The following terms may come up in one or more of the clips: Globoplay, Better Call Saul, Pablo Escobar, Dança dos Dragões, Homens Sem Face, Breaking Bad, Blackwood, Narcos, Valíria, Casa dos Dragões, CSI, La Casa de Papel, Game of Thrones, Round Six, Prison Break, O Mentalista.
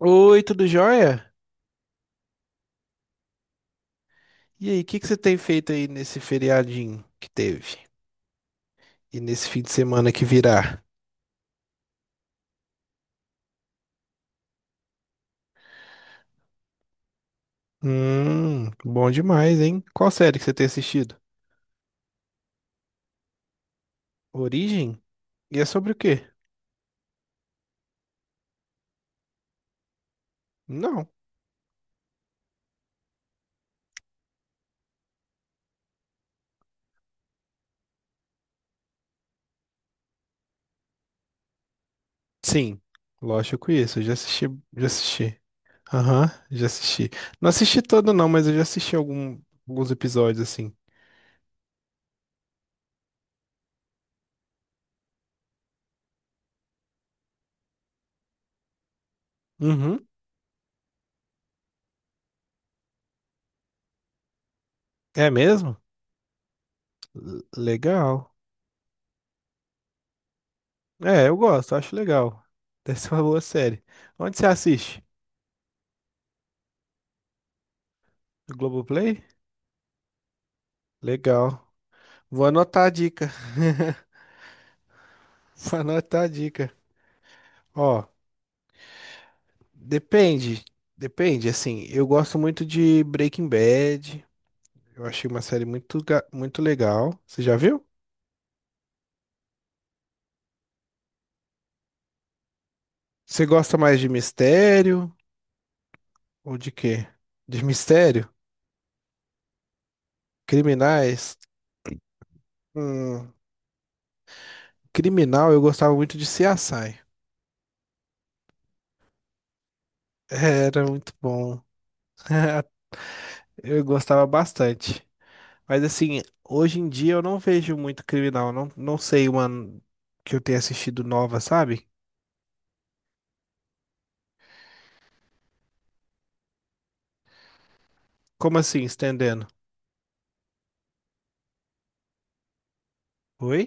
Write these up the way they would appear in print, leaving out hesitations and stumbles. Oi, tudo jóia? E aí, o que que você tem feito aí nesse feriadinho que teve? E nesse fim de semana que virá? Bom demais, hein? Qual série que você tem assistido? Origem? E é sobre o quê? Não. Sim, lógico que eu conheço, eu já assisti, já assisti. Aham, já assisti. Não assisti todo não, mas eu já assisti alguns episódios assim. Uhum, é mesmo? Legal. É, eu gosto, acho legal. Deve ser uma boa série. Onde você assiste? No Globoplay? Legal. Vou anotar a dica. Vou anotar a dica. Ó, depende. Depende, assim, eu gosto muito de Breaking Bad. Eu achei uma série muito legal. Você já viu? Você gosta mais de mistério ou de quê? De mistério? Criminais? Hum, Criminal, eu gostava muito de CSI. Era muito bom. Eu gostava bastante. Mas assim, hoje em dia eu não vejo muito criminal. Não, não sei uma que eu tenha assistido nova, sabe? Como assim, estendendo? Oi?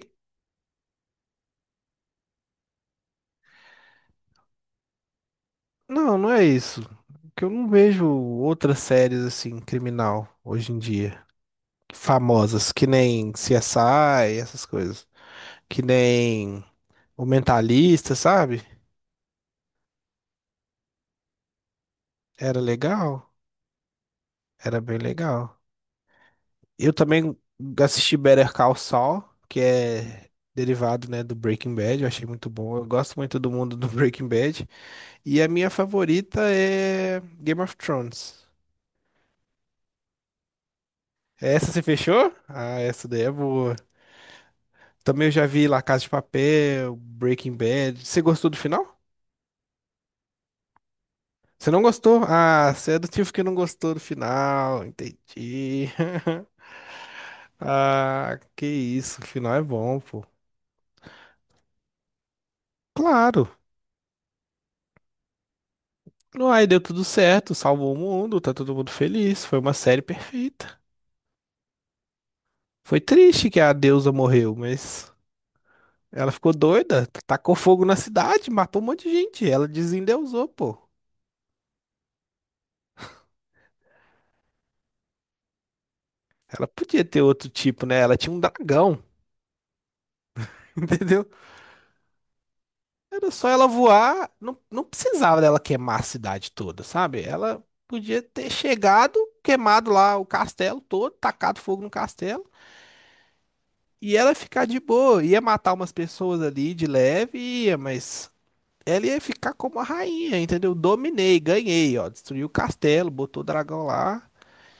Não, não é isso. Que eu não vejo outras séries assim, criminal, hoje em dia. Famosas, que nem CSI, essas coisas. Que nem O Mentalista, sabe? Era legal. Era bem legal. Eu também assisti Better Call Saul, que é derivado, né, do Breaking Bad. Eu achei muito bom. Eu gosto muito do mundo do Breaking Bad. E a minha favorita é Game of Thrones. Essa você fechou? Ah, essa daí é boa. Também eu já vi La Casa de Papel, Breaking Bad. Você gostou do final? Você não gostou? Ah, você é do tipo que não gostou do final. Entendi. Ah, que isso. O final é bom, pô. Claro. Aí deu tudo certo, salvou o mundo, tá todo mundo feliz. Foi uma série perfeita. Foi triste que a deusa morreu, mas ela ficou doida, tacou fogo na cidade, matou um monte de gente. Ela desendeusou, pô. Ela podia ter outro tipo, né? Ela tinha um dragão, entendeu? Era só ela voar, não precisava dela queimar a cidade toda, sabe? Ela podia ter chegado, queimado lá o castelo todo, tacado fogo no castelo. E ela ficar de boa, ia matar umas pessoas ali de leve, ia, mas ela ia ficar como a rainha, entendeu? Dominei, ganhei, ó. Destruiu o castelo, botou o dragão lá,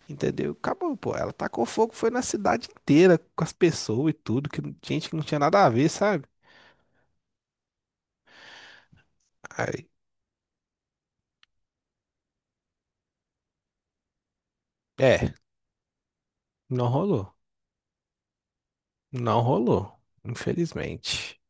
entendeu? Acabou, pô. Ela tacou fogo, foi na cidade inteira, com as pessoas e tudo, que não- gente que não tinha nada a ver, sabe? Aí, é, não rolou. Não rolou, infelizmente.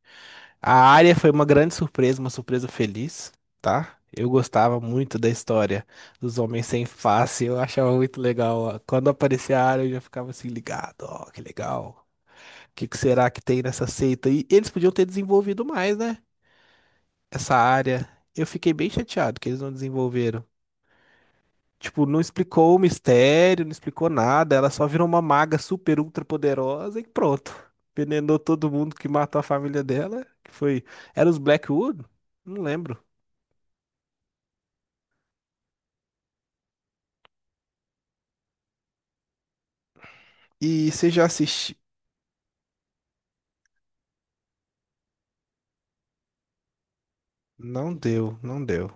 A Arya foi uma grande surpresa, uma surpresa feliz, tá? Eu gostava muito da história dos Homens Sem Face, eu achava muito legal. Ó. Quando aparecia a Arya, eu já ficava assim ligado, ó, que legal. O que que será que tem nessa seita? E eles podiam ter desenvolvido mais, né? Essa área. Eu fiquei bem chateado que eles não desenvolveram. Tipo, não explicou o mistério, não explicou nada. Ela só virou uma maga super ultra poderosa e pronto. Envenenou todo mundo que matou a família dela, que foi... Era os Blackwood? Não lembro. E você já assistiu? Não deu, não deu.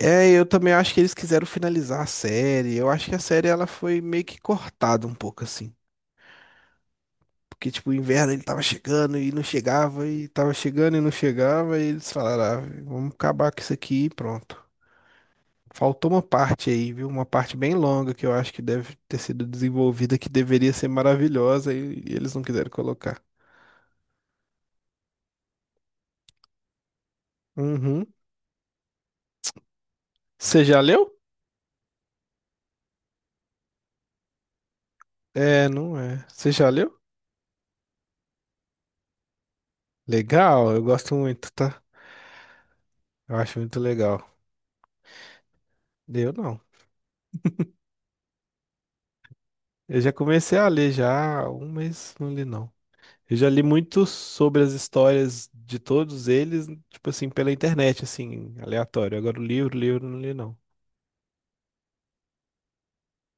É, eu também acho que eles quiseram finalizar a série. Eu acho que a série ela foi meio que cortada um pouco assim. Porque, tipo, o inverno ele tava chegando e não chegava, e tava chegando e não chegava, e eles falaram, ah, vamos acabar com isso aqui e pronto. Faltou uma parte aí, viu? Uma parte bem longa que eu acho que deve ter sido desenvolvida, que deveria ser maravilhosa, e eles não quiseram colocar. Uhum. Você já leu? É, não é. Você já leu? Legal, eu gosto muito, tá? Eu acho muito legal. Eu não. Eu já comecei a ler já há um mês, não li não. Eu já li muito sobre as histórias de todos eles, tipo assim, pela internet, assim, aleatório. Agora o livro, livro, eu não li não.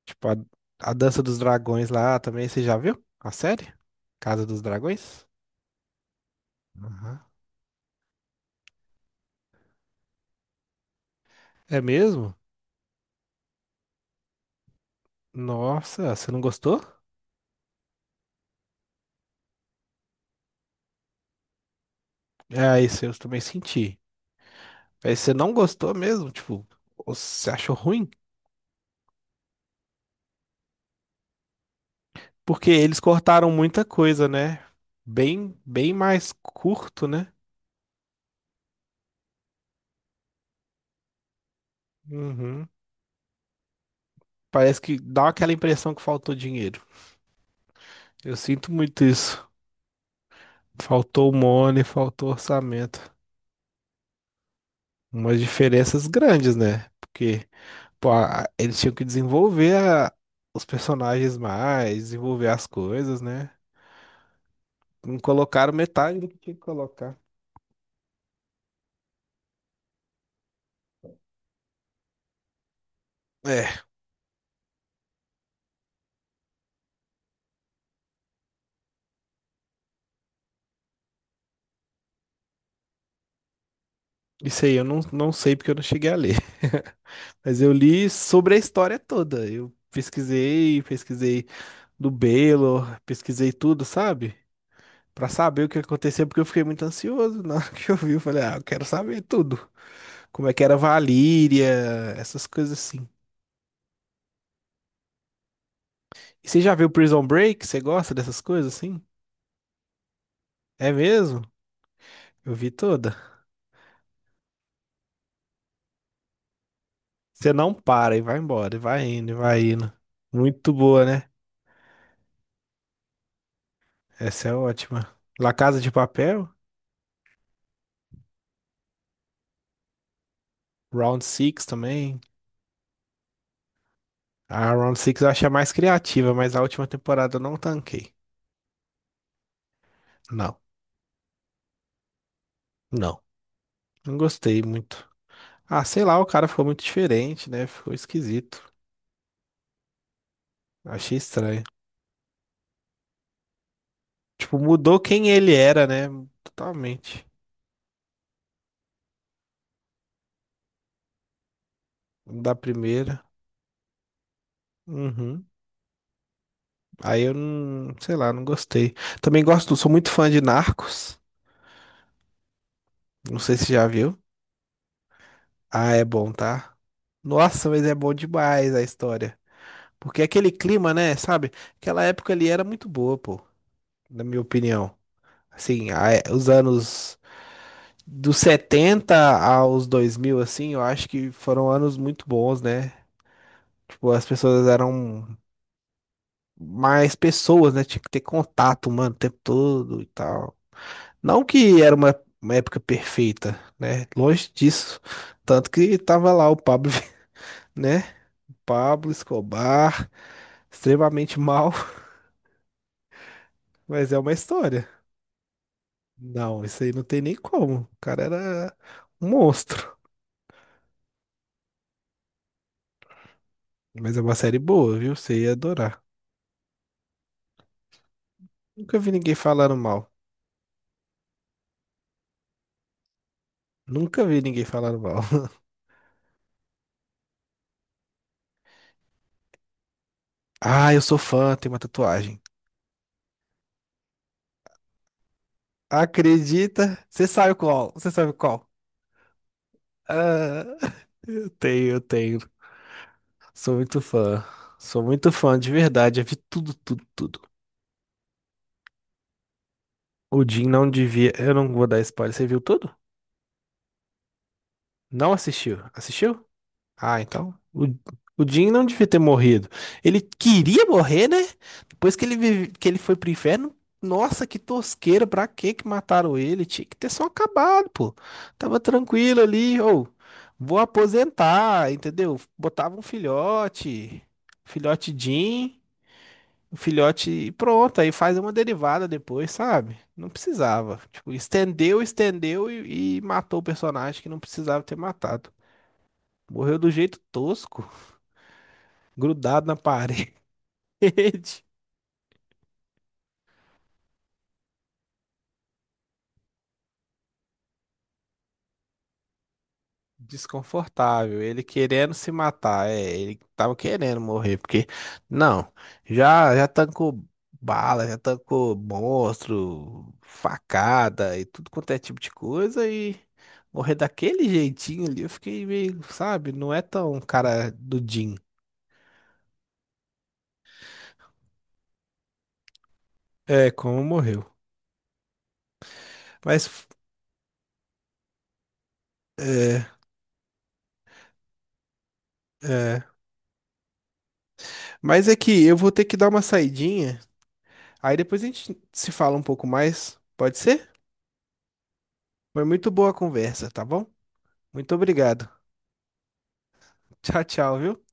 Tipo, a Dança dos Dragões lá também, você já viu? A série? Casa dos Dragões? Aham. É mesmo? Nossa, você não gostou? É, isso eu também senti. Aí você não gostou mesmo? Tipo, você achou ruim? Porque eles cortaram muita coisa, né? Bem, bem mais curto, né? Uhum. Parece que dá aquela impressão que faltou dinheiro. Eu sinto muito isso. Faltou money, faltou orçamento. Umas diferenças grandes, né? Porque, pô, eles tinham que desenvolver os personagens mais, desenvolver as coisas, né? Não colocaram metade do que tinha que colocar. É, isso aí eu não sei porque eu não cheguei a ler. Mas eu li sobre a história toda. Eu pesquisei, pesquisei do Baylor, pesquisei tudo, sabe? Pra saber o que aconteceu, porque eu fiquei muito ansioso na hora que eu vi. Eu falei, ah, eu quero saber tudo. Como é que era Valíria, essas coisas assim. E você já viu Prison Break? Você gosta dessas coisas assim? É mesmo? Eu vi toda. Você não para e vai embora, e vai indo, e vai indo. Muito boa, né? Essa é ótima. La Casa de Papel, Round Six também. A Round Six eu achei a mais criativa, mas a última temporada eu não tanquei. Não, não. Não gostei muito. Ah, sei lá, o cara ficou muito diferente, né? Ficou esquisito. Achei estranho. Tipo, mudou quem ele era, né? Totalmente. Da primeira. Uhum. Aí eu não, sei lá, não gostei. Também gosto, sou muito fã de Narcos. Não sei se já viu. Ah, é bom, tá? Nossa, mas é bom demais a história. Porque aquele clima, né, sabe? Aquela época ali era muito boa, pô, na minha opinião. Assim, os anos dos 70 aos 2000, assim, eu acho que foram anos muito bons, né? Tipo, as pessoas eram mais pessoas, né? Tinha que ter contato, mano, o tempo todo e tal. Não que era uma época perfeita, né? Longe disso. Tanto que tava lá o Pablo, né? Pablo Escobar, extremamente mal, mas é uma história. Não, isso aí não tem nem como. O cara era um monstro. Mas é uma série boa, viu? Você ia adorar. Nunca vi ninguém falando mal. Nunca vi ninguém falando mal. Ah, eu sou fã, tem uma tatuagem. Acredita? Você sabe qual? Você sabe qual? Ah, eu tenho, eu tenho. Sou muito fã. Sou muito fã, de verdade. Eu vi tudo, tudo, tudo. O Jim não devia. Eu não vou dar spoiler. Você viu tudo? Não assistiu? Assistiu? Ah, então. O Jim não devia ter morrido. Ele queria morrer, né? Depois que ele foi pro inferno. Nossa, que tosqueira. Pra que que mataram ele? Tinha que ter só acabado, pô. Tava tranquilo ali. Ou, vou aposentar, entendeu? Botava um filhote. Filhote Jim. O filhote e pronto, aí faz uma derivada depois, sabe? Não precisava. Tipo, estendeu, estendeu e matou o personagem que não precisava ter matado. Morreu do jeito tosco, grudado na parede. Desconfortável, ele querendo se matar, é, ele tava querendo morrer, porque, não, já tancou bala, já tancou monstro, facada e tudo quanto é tipo de coisa e morrer daquele jeitinho ali, eu fiquei meio, sabe, não é tão cara do Jim. É, como morreu. Mas, é, é, mas é que eu vou ter que dar uma saidinha, aí depois a gente se fala um pouco mais, pode ser? Foi muito boa a conversa, tá bom? Muito obrigado. Tchau, tchau, viu?